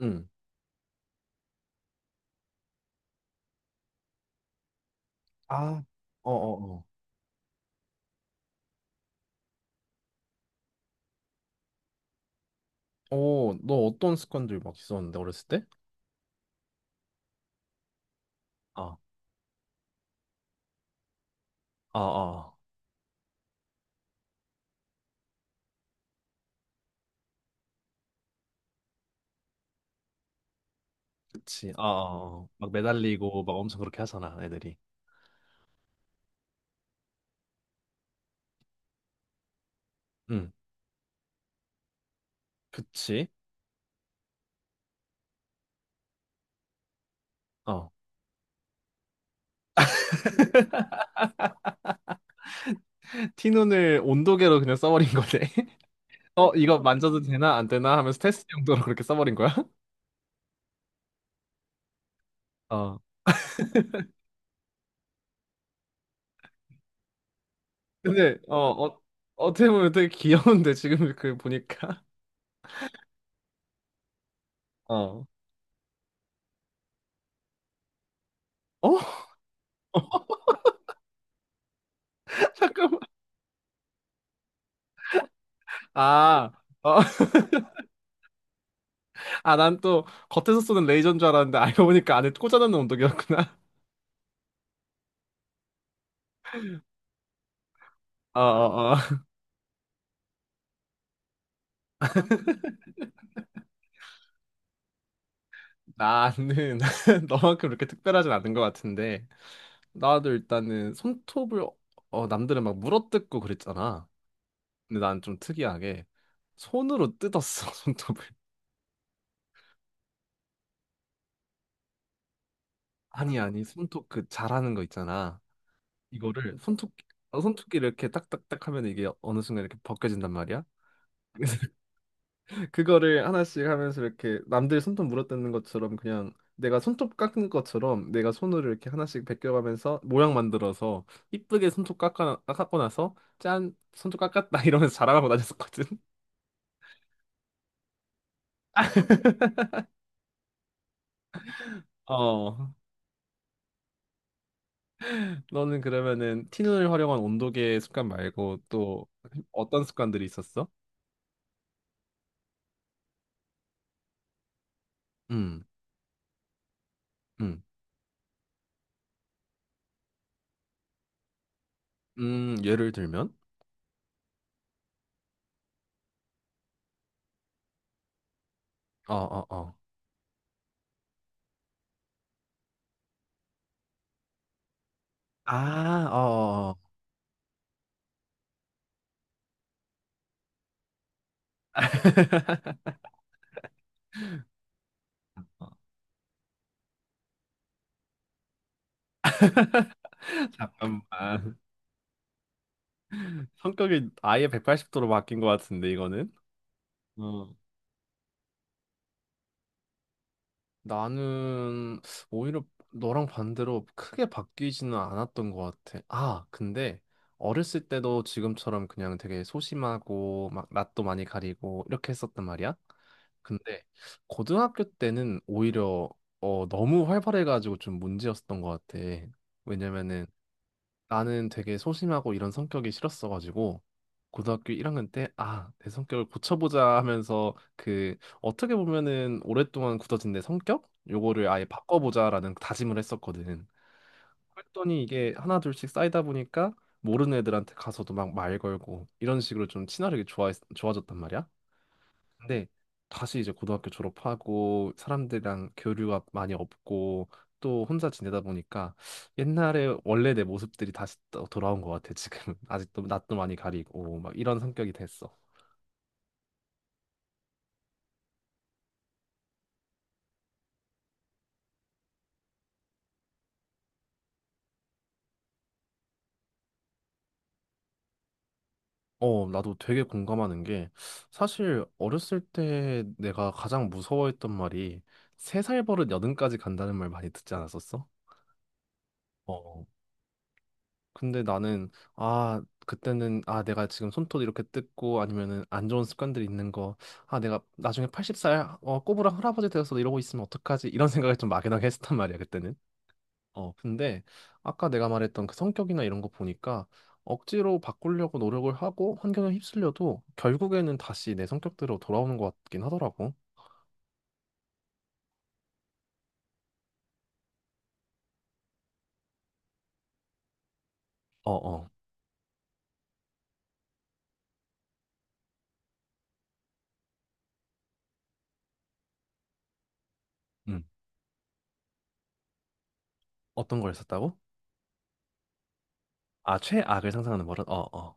응. 아, 어어, 어. 오, 너 어떤 습관들 막 있었는데 어렸을 때? 아, 아, 아. 그치. 아, 아, 아. 막 매달리고 막 엄청 그렇게 하잖아, 애들이. 응. 그치? 어. 티눈을 온도계로 그냥 써버린 거네. 어, 이거 만져도 되나 안 되나 하면서 테스트 용도로 그렇게 써버린 거야? 어. 근데 어떻게 보면 되게 귀여운데 지금 그 보니까. 어. 어? 잠깐만. 아, 어. 아, 난 또 겉에서 쏘는 레이저인 줄 알았는데 알고 보니까 안에 꽂아놓는 운동이었구나. 어, 어, 어. 나는 너만큼 그렇게 특별하진 않은 것 같은데. 나도 일단은 손톱을, 남들은 막 물어뜯고 그랬잖아. 근데 난 좀 특이하게 손으로 뜯었어, 손톱을. 아니, 아니, 손톱 그 잘하는 거 있잖아. 이거를 손톱끼 이렇게 딱딱딱 하면 이게 어느 순간 이렇게 벗겨진단 말이야. 그거를 하나씩 하면서 이렇게 남들 손톱 물어뜯는 것처럼 그냥 내가 손톱 깎는 것처럼 내가 손으로 이렇게 하나씩 벗겨가면서 모양 만들어서 이쁘게 손톱 깎고 나서 짠 손톱 깎았다 이러면서 자랑하고 다녔었거든. 어, 너는 그러면은 티눈을 활용한 온도계 습관 말고 또 어떤 습관들이 있었어? 음, 음, 예를 들면? 어, 어, 어. 아, 어, 어. 어. 잠깐만. 성격이 아예 180도로 바뀐 것 같은데 이거는? 음. 나는 오히려 너랑 반대로 크게 바뀌지는 않았던 것 같아. 아, 근데 어렸을 때도 지금처럼 그냥 되게 소심하고 막 낯도 많이 가리고 이렇게 했었단 말이야. 근데 고등학교 때는 오히려 너무 활발해가지고 좀 문제였었던 것 같아. 왜냐면은 나는 되게 소심하고 이런 성격이 싫었어가지고 고등학교 1학년 때, 아, 내 성격을 고쳐보자 하면서, 그 어떻게 보면은 오랫동안 굳어진 내 성격, 요거를 아예 바꿔보자라는 다짐을 했었거든. 그랬더니 이게 하나 둘씩 쌓이다 보니까 모르는 애들한테 가서도 막 말 걸고 이런 식으로 좀 친화력이 좋아졌단 말이야. 근데 다시 이제 고등학교 졸업하고 사람들이랑 교류가 많이 없고 또 혼자 지내다 보니까 옛날에 원래 내 모습들이 다시 또 돌아온 것 같아, 지금. 아직도 낯도 많이 가리고 막 이런 성격이 됐어. 어, 나도 되게 공감하는 게, 사실 어렸을 때 내가 가장 무서워했던 말이 세 살 버릇 여든까지 간다는 말, 많이 듣지 않았었어? 어, 어. 근데 나는, 아, 그때는, 아, 내가 지금 손톱 이렇게 뜯고 아니면은 안 좋은 습관들이 있는 거, 아, 내가 나중에 80살 꼬부랑 할아버지 되어서 이러고 있으면 어떡하지, 이런 생각을 좀 막연하게 했단 었 말이야, 그때는. 어, 근데 아까 내가 말했던 그 성격이나 이런 거 보니까 억지로 바꾸려고 노력을 하고 환경에 휩쓸려도 결국에는 다시 내 성격대로 돌아오는 것 같긴 하더라고. 어어. 음 어떤 걸 했었다고? 아, 최악을 상상하는 버릇. 어어.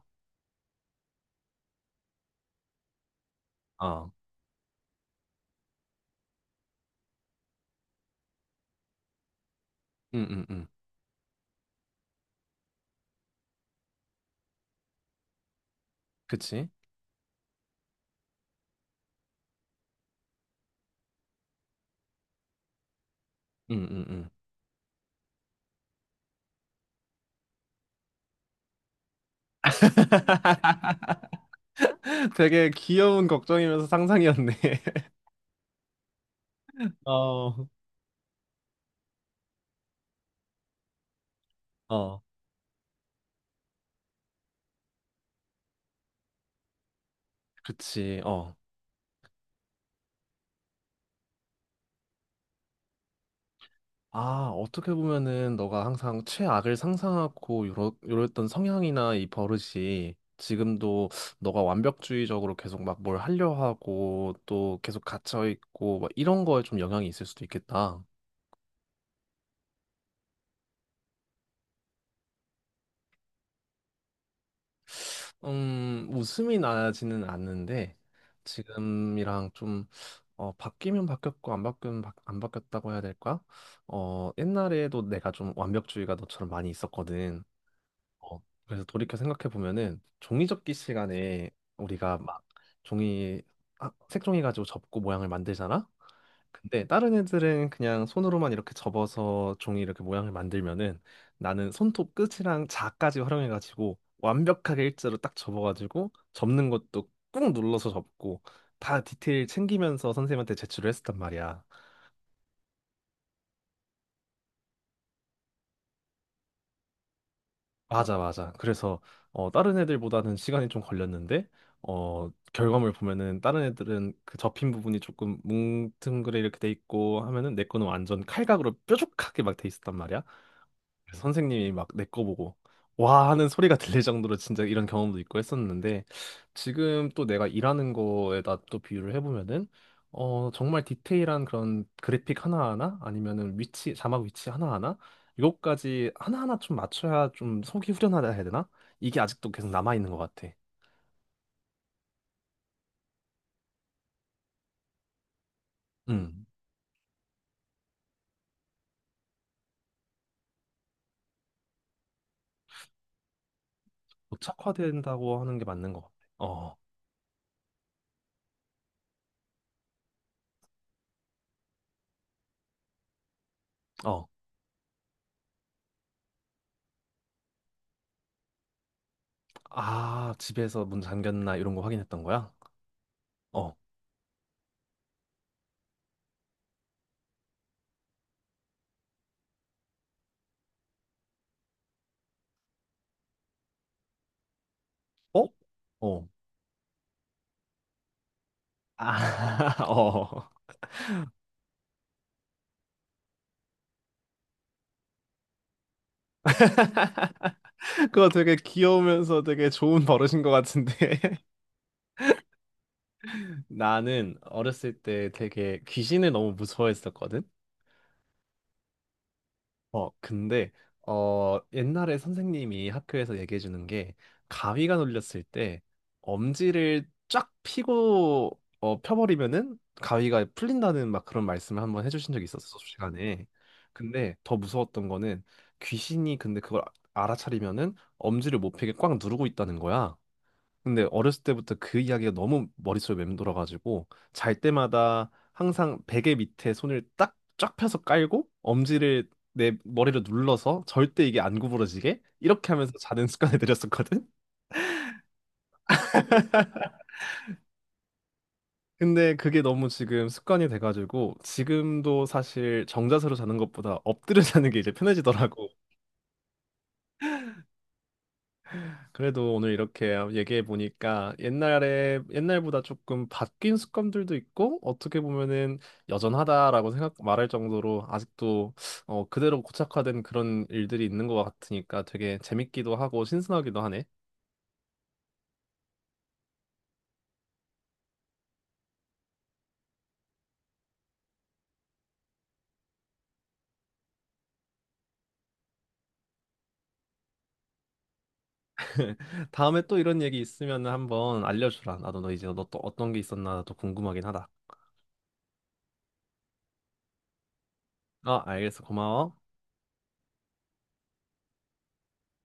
어. 응응응. 그치? 응응응. 되게 귀여운 걱정이면서 상상이었네. 어, 어, 그치, 어. 아, 어떻게 보면은 너가 항상 최악을 상상하고 요랬던 성향이나 이 버릇이 지금도 너가 완벽주의적으로 계속 막 뭘 하려 하고 또 계속 갇혀있고 막 이런 거에 좀 영향이 있을 수도 있겠다. 웃음이 나지는 않는데 지금이랑 좀 바뀌면 바뀌었고 안 바뀌면 안 바뀌었다고 해야 될까? 어, 옛날에도 내가 좀 완벽주의가 너처럼 많이 있었거든. 어, 그래서 돌이켜 생각해 보면은 종이접기 시간에 우리가 막 종이 색종이 가지고 접고 모양을 만들잖아. 근데 다른 애들은 그냥 손으로만 이렇게 접어서 종이 이렇게 모양을 만들면은, 나는 손톱 끝이랑 자까지 활용해가지고 완벽하게 일자로 딱 접어가지고 접는 것도 꾹 눌러서 접고 다 디테일 챙기면서 선생님한테 제출을 했었단 말이야. 맞아, 맞아. 그래서 어, 다른 애들보다는 시간이 좀 걸렸는데, 어, 결과물 보면은 다른 애들은 그 접힌 부분이 조금 뭉텅그레 이렇게 돼 있고 하면은 내 거는 완전 칼각으로 뾰족하게 막 돼 있었단 말이야. 그래서 선생님이 막 내 거 보고 와 하는 소리가 들릴 정도로 진짜 이런 경험도 있고 했었는데, 지금 또 내가 일하는 거에다 또 비유를 해보면은 어, 정말 디테일한 그런 그래픽 하나하나 아니면은 위치 자막 위치 하나하나, 이것까지 하나하나 좀 맞춰야 좀 속이 후련하다 해야 되나? 이게 아직도 계속 남아 있는 것 같아. 음 고착화된다고 하는 게 맞는 것 같아. 어, 어. 아, 집에서 문 잠겼나 이런 거 확인했던 거야? 어. 어? 어. 아, 어. 그거 되게 귀여우면서 되게 좋은 버릇인 것 같은데. 나는 어렸을 때 되게 귀신을 너무 무서워했었거든. 어, 근데 옛날에 선생님이 학교에서 얘기해 주는 게, 가위가 눌렸을 때 엄지를 쫙 펴고 펴버리면은 가위가 풀린다는 막 그런 말씀을 한번 해주신 적이 있었어, 수업 시간에. 근데 더 무서웠던 거는, 귀신이 근데 그걸 알아차리면은 엄지를 못 펴게 꽉 누르고 있다는 거야. 근데 어렸을 때부터 그 이야기가 너무 머릿속에 맴돌아가지고 잘 때마다 항상 베개 밑에 손을 딱 쫙 펴서 깔고 엄지를 내 머리를 눌러서 절대 이게 안 구부러지게 이렇게 하면서 자는 습관을 들였었거든. 근데 그게 너무 지금 습관이 돼가지고 지금도 사실 정자세로 자는 것보다 엎드려 자는 게 이제 편해지더라고. 그래도 오늘 이렇게 얘기해 보니까 옛날에 옛날보다 조금 바뀐 습관들도 있고, 어떻게 보면은 여전하다라고 생각 말할 정도로 아직도 그대로 고착화된 그런 일들이 있는 것 같으니까 되게 재밌기도 하고 신선하기도 하네. 다음에 또 이런 얘기 있으면 한번 알려주라. 나도 너 이제 너 또 어떤 게 있었나 또 궁금하긴 하다. 아, 알겠어. 고마워.